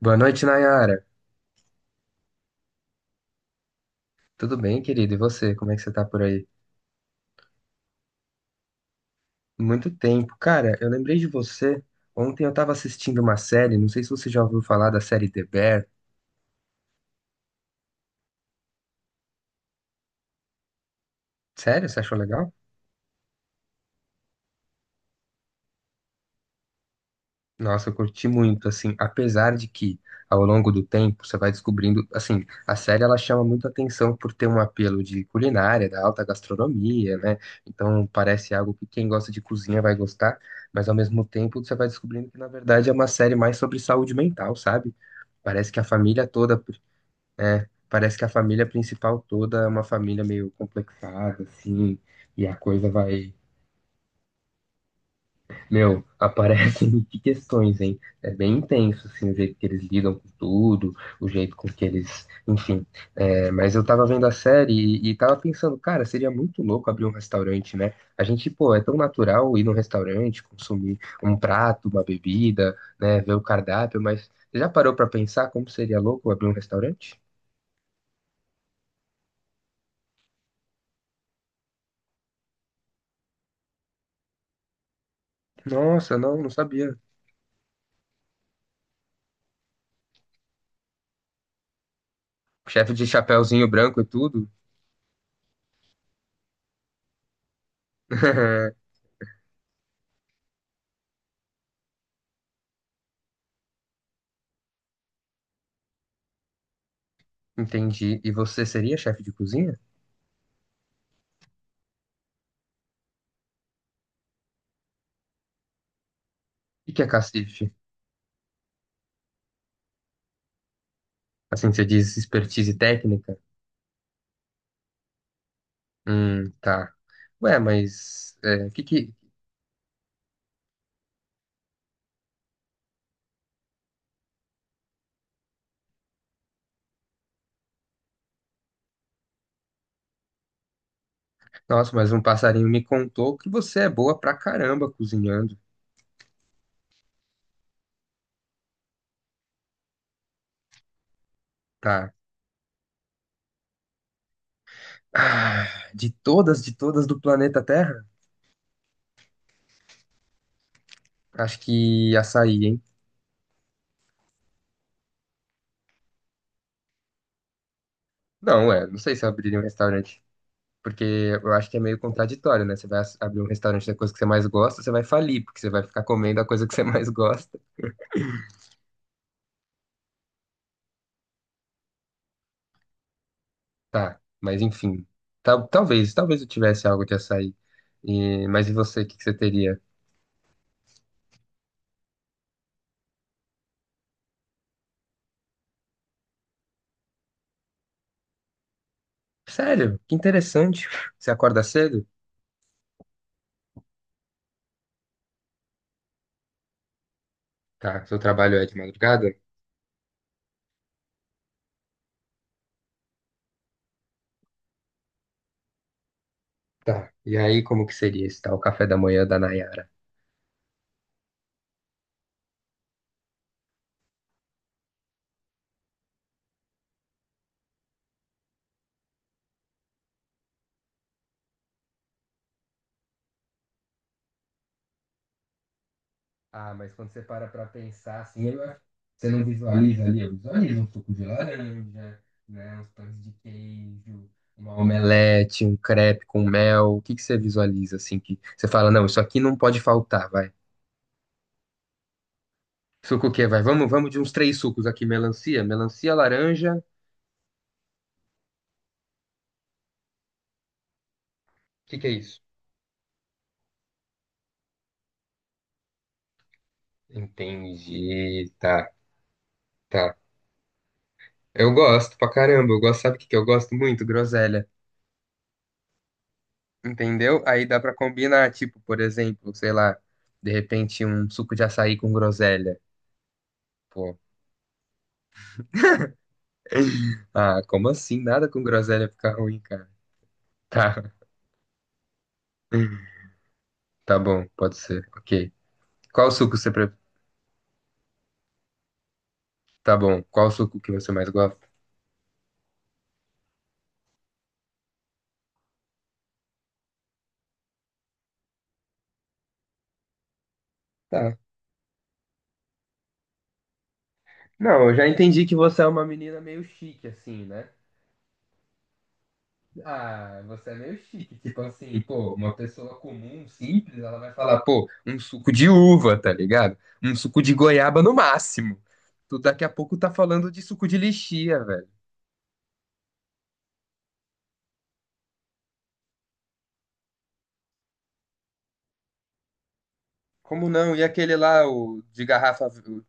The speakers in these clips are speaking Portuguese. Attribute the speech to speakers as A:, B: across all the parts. A: Boa noite, Nayara. Tudo bem, querido? E você? Como é que você tá por aí? Muito tempo. Cara, eu lembrei de você. Ontem eu tava assistindo uma série, não sei se você já ouviu falar da série The Bear. Sério? Você achou legal? Nossa, eu curti muito, assim, apesar de que ao longo do tempo você vai descobrindo, assim, a série ela chama muito atenção por ter um apelo de culinária, da alta gastronomia, né? Então parece algo que quem gosta de cozinha vai gostar, mas ao mesmo tempo você vai descobrindo que na verdade é uma série mais sobre saúde mental, sabe? Parece que a família toda, é, parece que a família principal toda é uma família meio complexada, assim, e a coisa vai, meu, aparecem de questões, hein? É bem intenso, assim, o jeito que eles lidam com tudo, o jeito com que eles, enfim. É, mas eu tava vendo a série e tava pensando, cara, seria muito louco abrir um restaurante, né? A gente, pô, é tão natural ir num restaurante, consumir um prato, uma bebida, né, ver o cardápio, mas você já parou pra pensar como seria louco abrir um restaurante? Nossa, não sabia. Chefe de chapéuzinho branco e tudo. Entendi. E você seria chefe de cozinha? O que é cacife? Assim, você diz expertise técnica? Tá. Ué, mas é, que... Nossa, mas um passarinho me contou que você é boa pra caramba cozinhando. Tá. Ah, de todas do planeta Terra? Acho que açaí, hein? Não, é, não sei se eu abriria um restaurante. Porque eu acho que é meio contraditório, né? Você vai abrir um restaurante da coisa que você mais gosta, você vai falir, porque você vai ficar comendo a coisa que você mais gosta. Tá, mas enfim. Talvez, talvez eu tivesse algo de açaí. E, mas e você, o que que você teria? Sério, que interessante. Você acorda cedo? Tá, seu trabalho é de madrugada? Tá. E aí, como que seria esse tal café da manhã da Nayara? Ah, mas quando você para pra pensar assim, eu acho, você não visualiza ali? Eu visualizo um suco de laranja, né, uns pães de queijo, uma omelete, um crepe com mel. O que que você visualiza assim que você fala, não, isso aqui não pode faltar, vai. Suco o quê? Vai, vamos, vamos de uns três sucos aqui, melancia, melancia, laranja. O que que é isso? Entendi, tá. Eu gosto pra caramba, eu gosto, sabe o que que eu gosto muito? Groselha. Entendeu? Aí dá pra combinar, tipo, por exemplo, sei lá, de repente um suco de açaí com groselha. Pô, ah, como assim? Nada com groselha fica ruim, cara. Tá, tá bom, pode ser. Ok. Qual suco você pre... Tá bom, qual suco que você mais gosta? Tá. Não, eu já entendi que você é uma menina meio chique, assim, né? Ah, você é meio chique. Tipo assim, pô, uma pessoa comum, simples, ela vai falar, pô, um suco de uva, tá ligado? Um suco de goiaba no máximo. Tu daqui a pouco tá falando de suco de lixia, velho. Como não? E aquele lá, o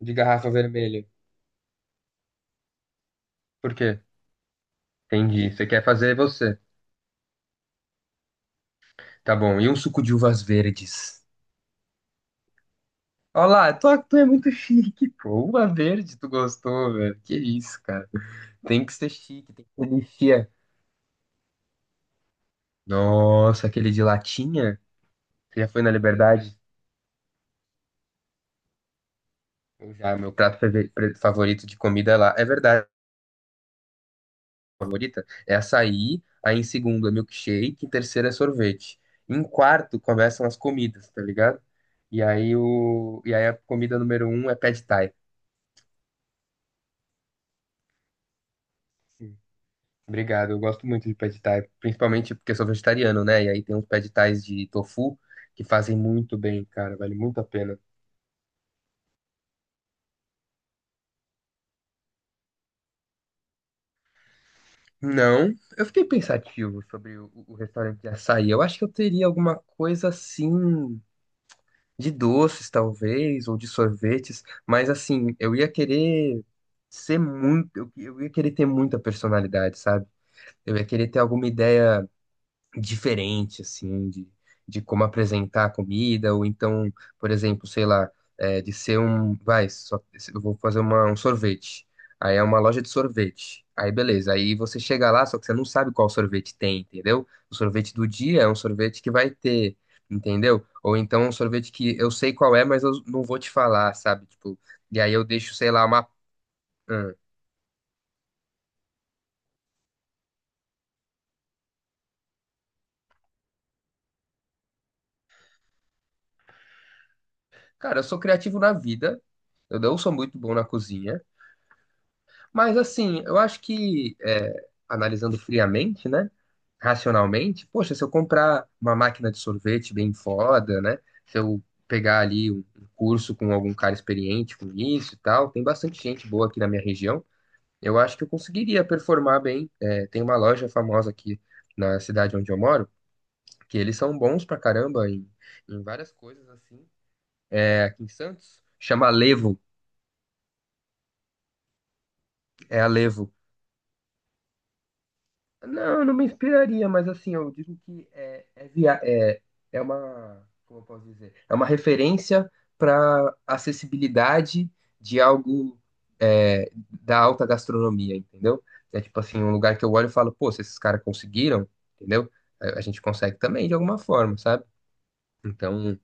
A: de garrafa vermelha? Por quê? Entendi. Você quer fazer você. Tá bom. E um suco de uvas verdes? Olha lá, tu é muito chique, pô. Uva verde, tu gostou, velho. Que isso, cara. Tem que ser chique, tem que ser lixia. Nossa, aquele de latinha? Você já foi na Liberdade? Eu já, meu prato favorito de comida é lá. É verdade, favorita? É açaí, aí em segundo é milkshake, em terceiro é sorvete. Em quarto começam as comidas, tá ligado? E aí, e aí a comida número um é pad thai. Sim. Obrigado, eu gosto muito de pad thai, principalmente porque eu sou vegetariano, né? E aí tem uns pad thais de tofu que fazem muito bem, cara, vale muito a pena. Não, eu fiquei pensativo sobre o restaurante de açaí. Eu acho que eu teria alguma coisa assim, de doces talvez, ou de sorvetes, mas assim, eu ia querer ser muito, eu ia querer ter muita personalidade, sabe? Eu ia querer ter alguma ideia diferente, assim, de como apresentar a comida, ou então, por exemplo, sei lá, é, de ser um. Vai, só, eu vou fazer uma, um sorvete. Aí é uma loja de sorvete. Aí beleza, aí você chega lá, só que você não sabe qual sorvete tem, entendeu? O sorvete do dia é um sorvete que vai ter, entendeu? Ou então um sorvete que eu sei qual é, mas eu não vou te falar, sabe? Tipo, e aí eu deixo, sei lá, uma. Hum. Cara, eu sou criativo na vida, eu não sou muito bom na cozinha. Mas assim, eu acho que, é, analisando friamente, né? Racionalmente, poxa, se eu comprar uma máquina de sorvete bem foda, né? Se eu pegar ali um curso com algum cara experiente com isso e tal, tem bastante gente boa aqui na minha região. Eu acho que eu conseguiria performar bem. É, tem uma loja famosa aqui na cidade onde eu moro, que eles são bons pra caramba em, em várias coisas assim. É, aqui em Santos, chama Levo, é a Levo. Não, não me inspiraria, mas assim, eu digo que é, é, é, é uma, como eu posso dizer, é uma referência para acessibilidade de algo é, da alta gastronomia, entendeu? É tipo assim, um lugar que eu olho e falo, pô, se esses caras conseguiram, entendeu? A gente consegue também de alguma forma, sabe? Então,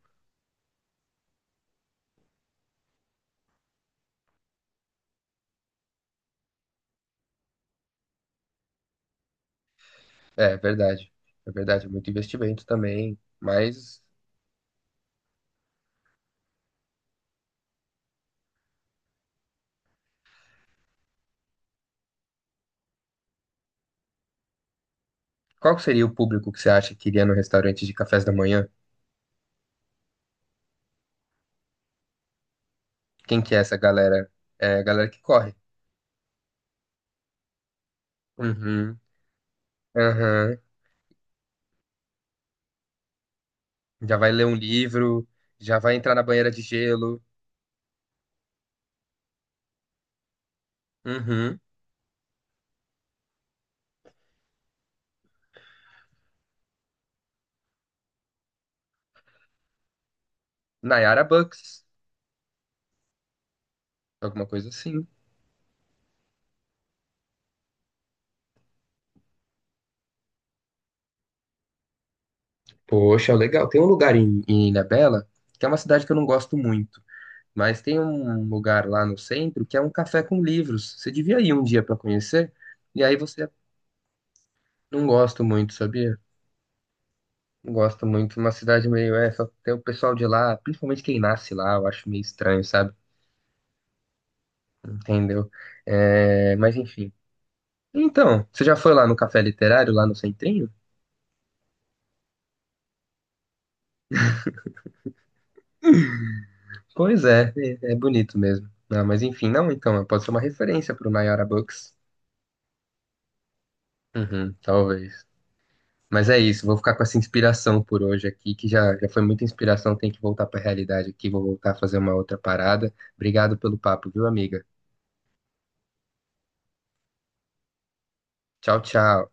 A: é verdade, é verdade, é muito investimento também, mas qual que seria o público que você acha que iria no restaurante de cafés da manhã? Quem que é essa galera? É a galera que corre. Uhum, aham. Já vai ler um livro, já vai entrar na banheira de gelo. Uhum. Nayara Bucks, alguma coisa assim. Poxa, legal. Tem um lugar em, em Ilha Bela que é uma cidade que eu não gosto muito, mas tem um lugar lá no centro que é um café com livros. Você devia ir um dia pra conhecer, e aí você não gosto muito, sabia? Não gosto muito. Uma cidade meio essa, tem o pessoal de lá, principalmente quem nasce lá, eu acho meio estranho, sabe? Entendeu? É, mas enfim. Então, você já foi lá no Café Literário, lá no Centrinho? Pois é, é, é bonito mesmo. Ah, mas enfim, não, então, pode ser uma referência pro Nayara Books. Uhum, talvez. Mas é isso, vou ficar com essa inspiração por hoje aqui, que já, já foi muita inspiração, tem que voltar pra realidade aqui, vou voltar a fazer uma outra parada. Obrigado pelo papo, viu, amiga? Tchau, tchau.